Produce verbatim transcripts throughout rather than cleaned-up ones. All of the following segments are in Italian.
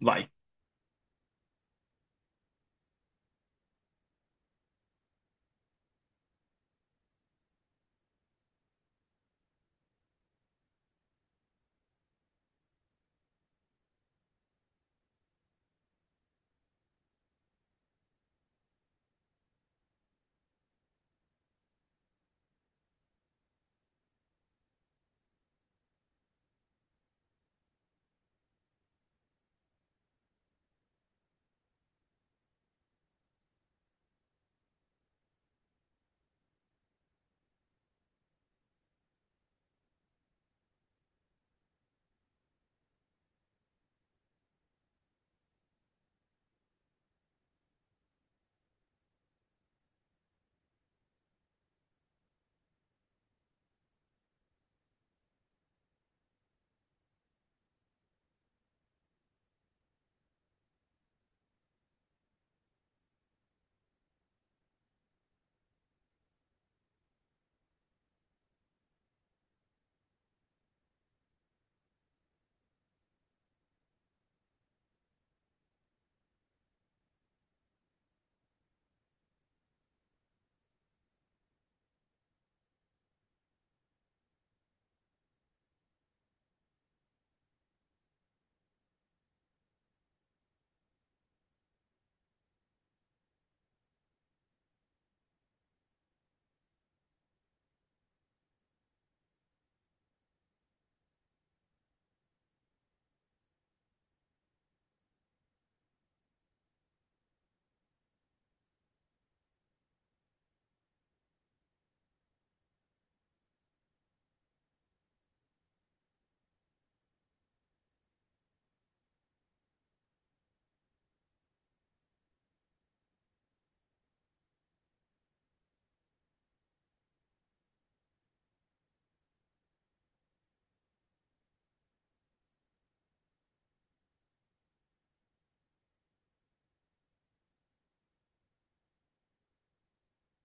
Vai.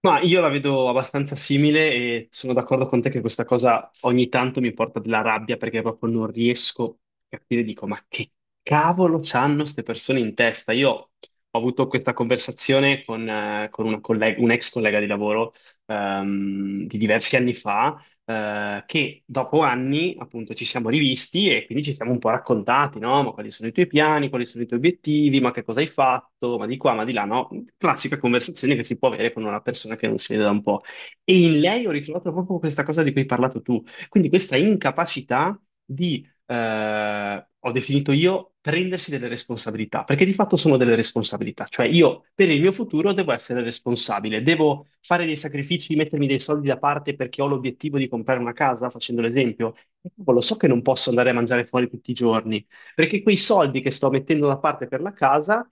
Ma io la vedo abbastanza simile e sono d'accordo con te che questa cosa ogni tanto mi porta della rabbia perché proprio non riesco a capire, dico, ma che cavolo c'hanno queste persone in testa? Io ho avuto questa conversazione con, eh, con una collega- un ex collega di lavoro, ehm, di diversi anni fa, eh, che dopo anni appunto ci siamo rivisti e quindi ci siamo un po' raccontati, no? Ma quali sono i tuoi piani, quali sono i tuoi obiettivi, ma che cosa hai fatto, ma di qua, ma di là, no? Classica conversazione che si può avere con una persona che non si vede da un po'. E in lei ho ritrovato proprio questa cosa di cui hai parlato tu, quindi questa incapacità di, eh, ho definito io, prendersi delle responsabilità, perché di fatto sono delle responsabilità, cioè io per il mio futuro devo essere responsabile, devo fare dei sacrifici, mettermi dei soldi da parte perché ho l'obiettivo di comprare una casa, facendo l'esempio. E cavolo, so che non posso andare a mangiare fuori tutti i giorni, perché quei soldi che sto mettendo da parte per la casa,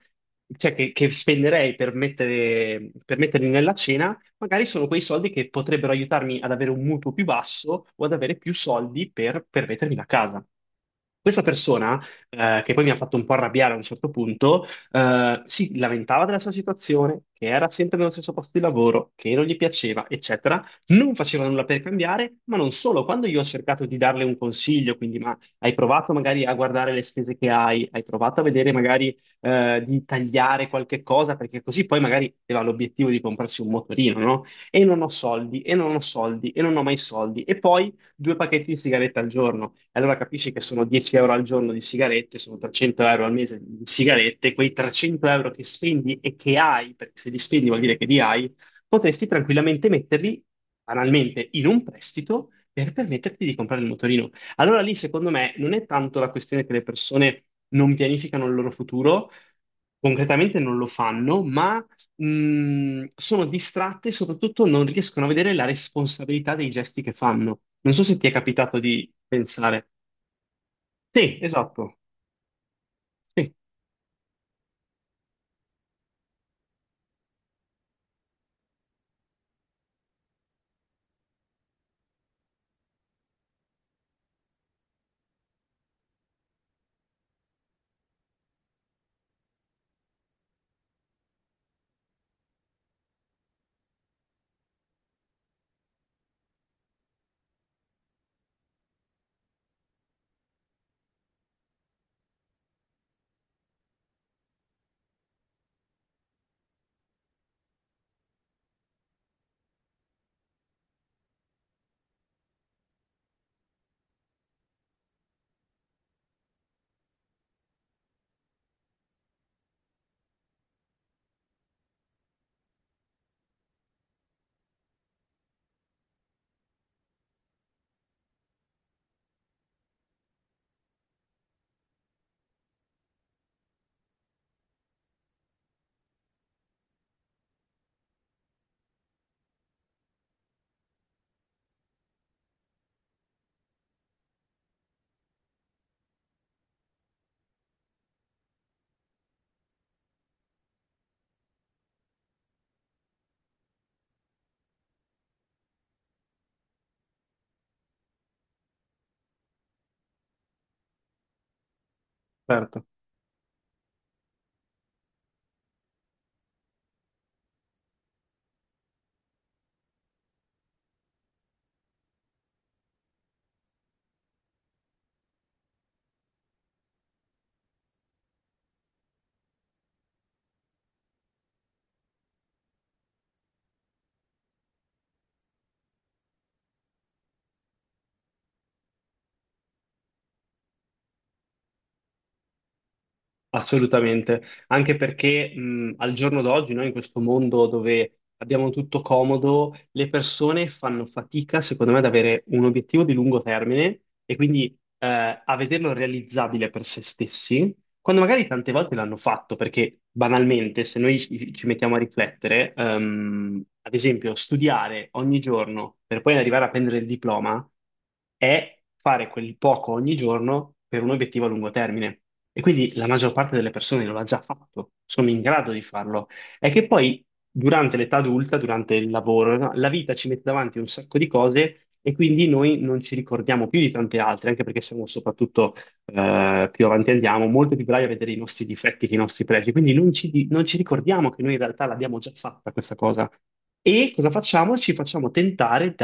cioè che, che spenderei per mettere, per metterli nella cena, magari sono quei soldi che potrebbero aiutarmi ad avere un mutuo più basso o ad avere più soldi per permettermi la casa. Questa persona, eh, che poi mi ha fatto un po' arrabbiare a un certo punto, eh, si lamentava della sua situazione, che era sempre nello stesso posto di lavoro, che non gli piaceva, eccetera. Non faceva nulla per cambiare, ma non solo. Quando io ho cercato di darle un consiglio, quindi ma hai provato magari a guardare le spese che hai, hai provato a vedere magari, eh, di tagliare qualche cosa, perché così poi magari aveva l'obiettivo di comprarsi un motorino, no? E non ho soldi, e non ho soldi, e non ho mai soldi. E poi due pacchetti di sigarette al giorno. E allora capisci che sono dieci euro al giorno di sigarette, sono trecento euro al mese di sigarette, quei trecento euro che spendi e che hai, perché se li spendi vuol dire che li hai, potresti tranquillamente metterli, banalmente, in un prestito per permetterti di comprare il motorino. Allora lì, secondo me, non è tanto la questione che le persone non pianificano il loro futuro, concretamente non lo fanno, ma mh, sono distratte e soprattutto non riescono a vedere la responsabilità dei gesti che fanno. Non so se ti è capitato di pensare. Sì, esatto. Sì, certo. Assolutamente, anche perché mh, al giorno d'oggi, noi in questo mondo dove abbiamo tutto comodo, le persone fanno fatica, secondo me, ad avere un obiettivo di lungo termine e quindi, eh, a vederlo realizzabile per se stessi, quando magari tante volte l'hanno fatto, perché banalmente, se noi ci ci mettiamo a riflettere, ehm, ad esempio, studiare ogni giorno per poi arrivare a prendere il diploma è fare quel poco ogni giorno per un obiettivo a lungo termine. E quindi la maggior parte delle persone lo ha già fatto, sono in grado di farlo. È che poi durante l'età adulta, durante il lavoro, no, la vita ci mette davanti un sacco di cose e quindi noi non ci ricordiamo più di tante altre, anche perché siamo soprattutto, eh, più avanti andiamo, molto più bravi a vedere i nostri difetti che i nostri pregi. Quindi non ci, non ci ricordiamo che noi in realtà l'abbiamo già fatta questa cosa. E cosa facciamo? Ci facciamo tentare,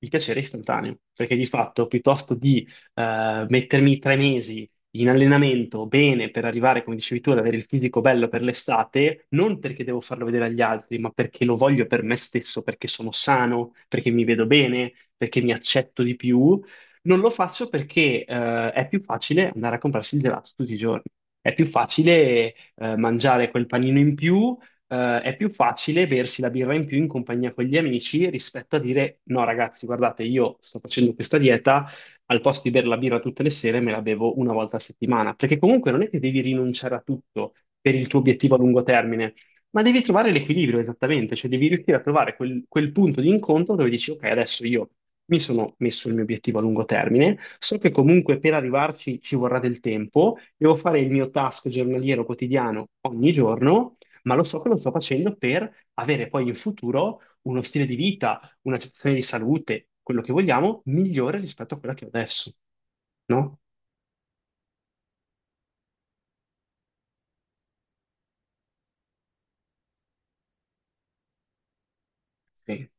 il piacere è istantaneo, perché di fatto piuttosto di, eh, mettermi tre mesi in allenamento bene per arrivare, come dicevi tu, ad avere il fisico bello per l'estate, non perché devo farlo vedere agli altri, ma perché lo voglio per me stesso, perché sono sano, perché mi vedo bene, perché mi accetto di più, non lo faccio perché eh, è più facile andare a comprarsi il gelato tutti i giorni. È più facile eh, mangiare quel panino in più, eh, è più facile bersi la birra in più in compagnia con gli amici rispetto a dire no, ragazzi, guardate, io sto facendo questa dieta, al posto di bere la birra tutte le sere me la bevo una volta a settimana, perché comunque non è che devi rinunciare a tutto per il tuo obiettivo a lungo termine, ma devi trovare l'equilibrio esattamente, cioè devi riuscire a trovare quel, quel punto di incontro dove dici, ok, adesso io mi sono messo il mio obiettivo a lungo termine, so che comunque per arrivarci ci vorrà del tempo, devo fare il mio task giornaliero quotidiano ogni giorno, ma lo so che lo sto facendo per avere poi in futuro uno stile di vita, una situazione di salute, quello che vogliamo, migliore rispetto a quella che ho adesso, no? Sì.